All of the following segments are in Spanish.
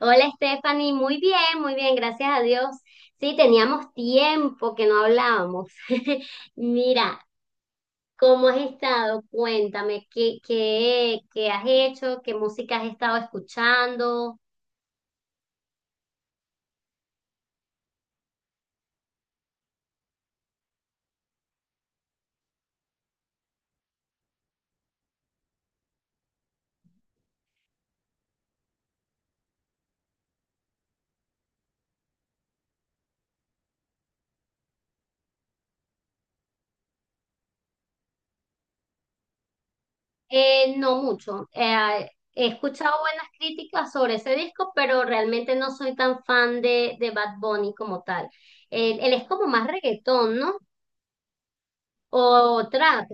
Hola Stephanie, muy bien, gracias a Dios. Sí, teníamos tiempo que no hablábamos. Mira, ¿cómo has estado? Cuéntame, ¿qué has hecho? ¿Qué música has estado escuchando? No mucho. He escuchado buenas críticas sobre ese disco, pero realmente no soy tan fan de Bad Bunny como tal. Él es como más reggaetón, ¿no? O trap.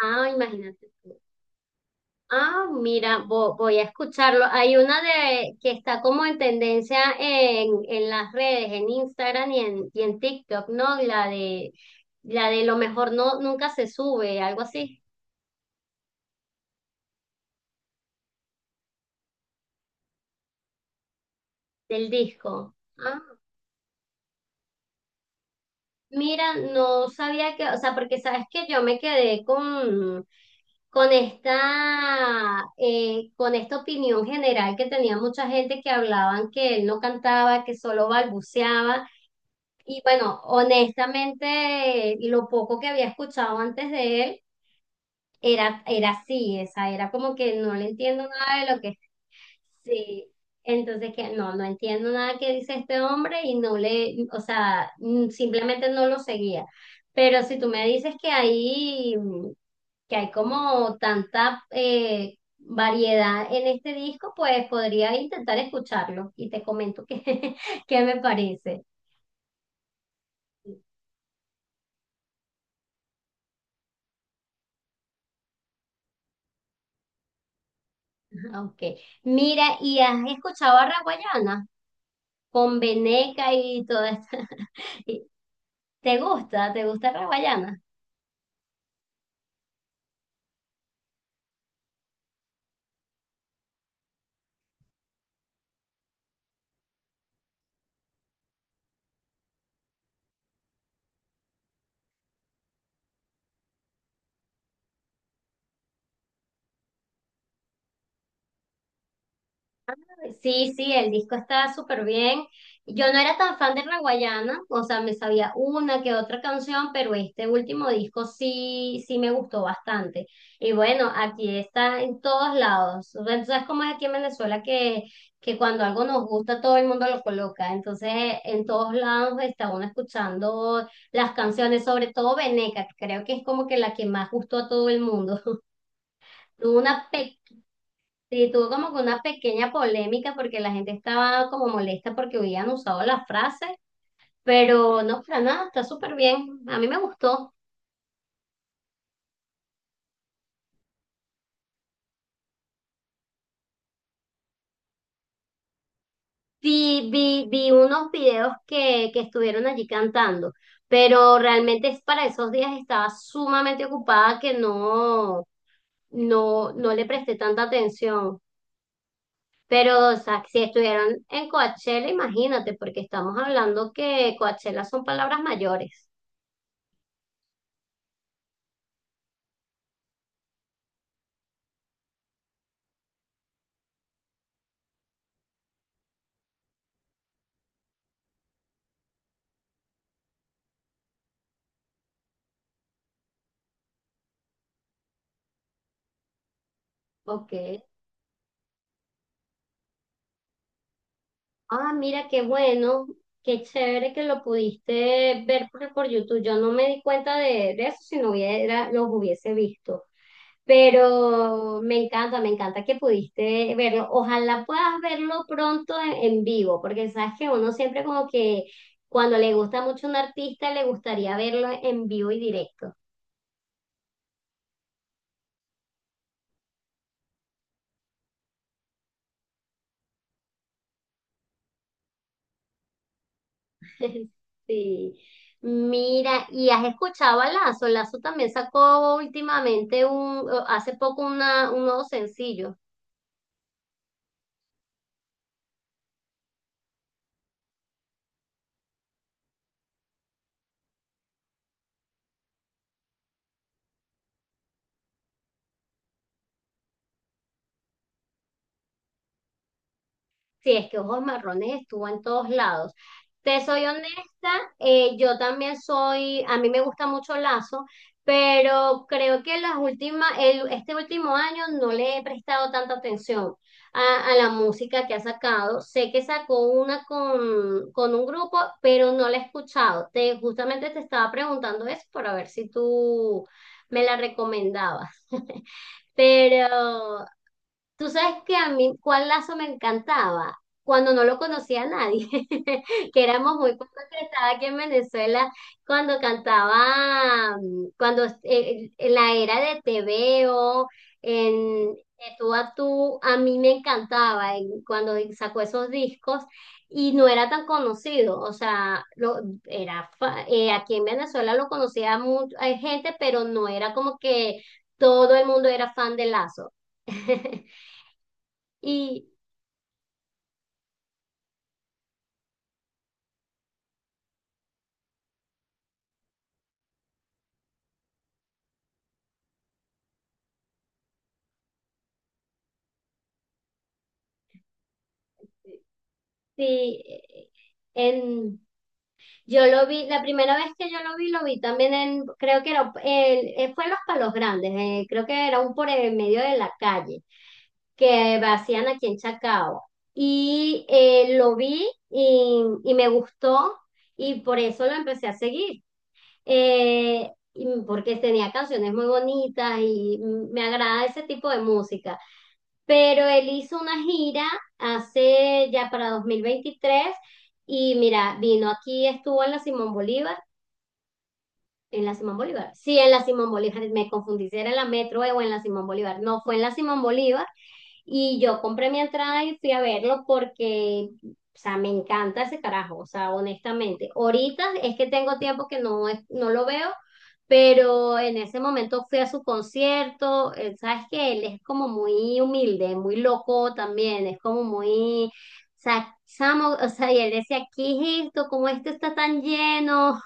Ah, imagínate. Ah, mira, voy a escucharlo. Hay una de que está como en tendencia en las redes, en Instagram y en TikTok, ¿no? La de lo mejor no nunca se sube, algo así, del disco. Ah, mira, no sabía que, o sea, porque sabes que yo me quedé con esta, con esta opinión general que tenía mucha gente que hablaban que él no cantaba, que solo balbuceaba. Y bueno, honestamente, lo poco que había escuchado antes de él era así, esa era como que no le entiendo nada de lo que sí. Entonces que no entiendo nada que dice este hombre y no le, o sea, simplemente no lo seguía. Pero si tú me dices que hay, que hay como tanta variedad en este disco, pues podría intentar escucharlo y te comento qué, qué me parece. Ok. Mira, ¿y has escuchado a Raguayana con Veneca y todo esto? ¿Te gusta? ¿Te gusta Raguayana? Sí, sí, el disco está súper bien. Yo no era tan fan de Raguayana, o sea, me sabía una que otra canción, pero este último disco sí, sí me gustó bastante. Y bueno, aquí está en todos lados. O sea, tú sabes cómo es aquí en Venezuela que cuando algo nos gusta todo el mundo lo coloca. Entonces, en todos lados está uno escuchando las canciones, sobre todo Veneca, que creo que es como que la que más gustó a todo el mundo. Tuvo una, sí, tuvo como que una pequeña polémica porque la gente estaba como molesta porque habían usado la frase, pero no, para nada, está súper bien. A mí me gustó. Vi unos videos que estuvieron allí cantando, pero realmente es para esos días estaba sumamente ocupada que no le presté tanta atención. Pero, o sea, si estuvieron en Coachella, imagínate, porque estamos hablando que Coachella son palabras mayores. Ok. Ah, mira, qué bueno, qué chévere que lo pudiste ver por YouTube. Yo no me di cuenta de eso si no hubiera, los hubiese visto. Pero me encanta que pudiste verlo. Ojalá puedas verlo pronto en vivo, porque sabes que uno siempre como que cuando le gusta mucho un artista le gustaría verlo en vivo y directo. Sí. Mira, ¿y has escuchado a Lazo? Lazo también sacó últimamente un, hace poco una, un nuevo sencillo. Sí, es que ojos marrones estuvo en todos lados. Te soy honesta, yo también soy, a mí me gusta mucho Lazo, pero creo que las últimas, este último año no le he prestado tanta atención a la música que ha sacado. Sé que sacó una con un grupo, pero no la he escuchado. Te, justamente te estaba preguntando eso para ver si tú me la recomendabas. Pero tú sabes que a mí, ¿cuál lazo me encantaba? Cuando no lo conocía a nadie, que éramos muy pocos que estaba aquí en Venezuela, cuando cantaba, cuando en la era de Te Veo, en De Tú a Tú, a mí me encantaba cuando sacó esos discos y no era tan conocido, o sea, lo, aquí en Venezuela lo conocía mucha gente, pero no era como que todo el mundo era fan de Lazo. Y sí, en, yo lo vi, la primera vez que yo lo vi también en, creo que era, fue en Los Palos Grandes, creo que era un por el medio de la calle, que hacían aquí en Chacao. Y lo vi y me gustó y por eso lo empecé a seguir. Y porque tenía canciones muy bonitas y me agrada ese tipo de música. Pero él hizo una gira hace ya para 2023 y mira, vino aquí, estuvo en la Simón Bolívar, en la Simón Bolívar, sí, en la Simón Bolívar, me confundí si era en la Metro o en la Simón Bolívar, no, fue en la Simón Bolívar y yo compré mi entrada y fui a verlo porque, o sea, me encanta ese carajo, o sea, honestamente. Ahorita es que tengo tiempo que no, no lo veo, pero en ese momento fui a su concierto. Sabes que él es como muy humilde, muy loco también, es como muy, o sea, chamo, o sea, y él decía, ¿qué es esto? ¿Cómo esto está tan lleno?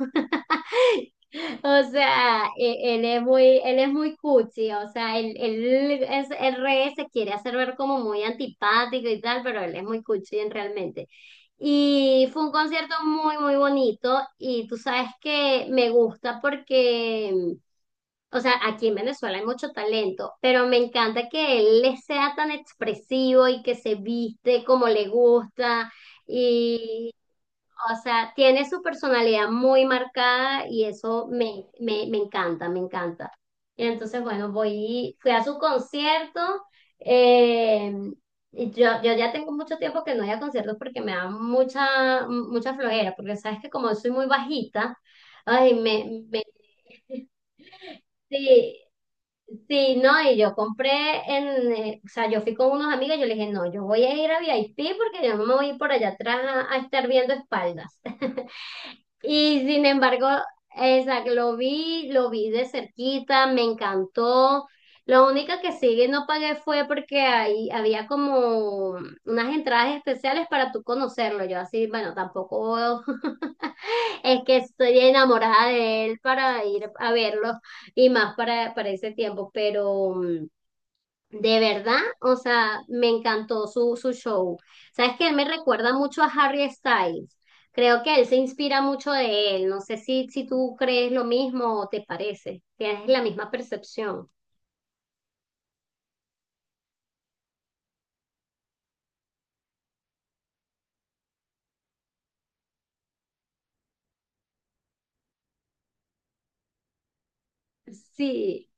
O sea, él es muy cuchi, o sea, él es, el re se quiere hacer ver como muy antipático y tal, pero él es muy cuchi realmente. Y fue un concierto muy bonito y tú sabes que me gusta porque, o sea, aquí en Venezuela hay mucho talento, pero me encanta que él le sea tan expresivo y que se viste como le gusta, o sea, tiene su personalidad muy marcada y eso me encanta, me encanta. Y entonces, bueno, fui a su concierto. eh, yo ya tengo mucho tiempo que no voy a conciertos porque me da mucha flojera, porque sabes que como soy muy bajita, ay, sí, sí, no, y yo compré o sea, yo fui con unos amigos y yo les dije, no, yo voy a ir a VIP porque yo no me voy a ir por allá atrás a estar viendo espaldas. Y sin embargo, exacto, lo vi de cerquita, me encantó. Lo único que sí no pagué fue porque ahí había como unas entradas especiales para tú conocerlo. Yo así, bueno, tampoco es que estoy enamorada de él para ir a verlo y más para ese tiempo, pero de verdad, o sea, me encantó su show. Sabes que él me recuerda mucho a Harry Styles. Creo que él se inspira mucho de él. No sé si tú crees lo mismo o te parece. Tienes la misma percepción. Sí.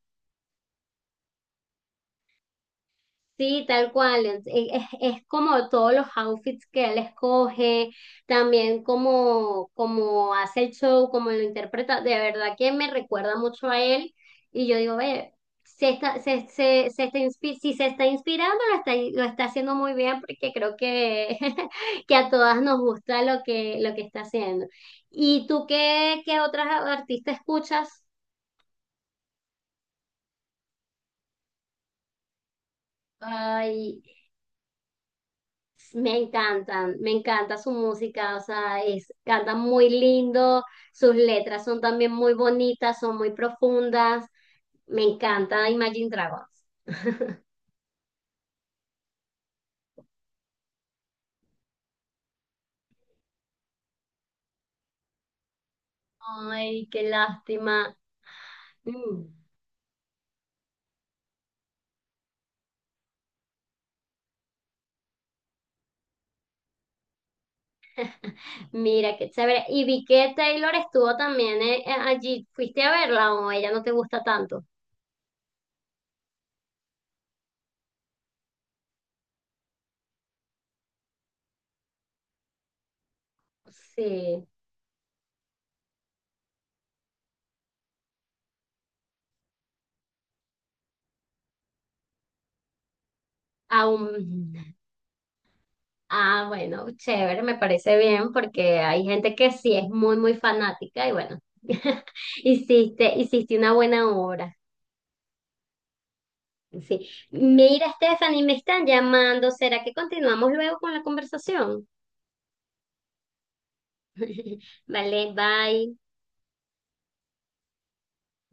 Sí, tal cual. Es como todos los outfits que él escoge, también como, como hace el show, como lo interpreta. De verdad que me recuerda mucho a él. Y yo digo, ve, se está si se está inspirando, lo está haciendo muy bien porque creo que, que a todas nos gusta lo lo que está haciendo. ¿Y tú qué, qué otras artistas escuchas? Ay, me encantan, me encanta su música, o sea, es, canta muy lindo, sus letras son también muy bonitas, son muy profundas, me encanta Imagine Dragons. Ay, qué lástima. Mm. Mira, qué chévere. Y vi que Taylor estuvo también allí, ¿fuiste a verla o ella no te gusta tanto? Sí, aún. Ah, bueno, chévere, me parece bien porque hay gente que sí es muy, muy fanática y bueno, hiciste, hiciste una buena obra. Sí. Mira, Stephanie, me están llamando. ¿Será que continuamos luego con la conversación? Vale, bye.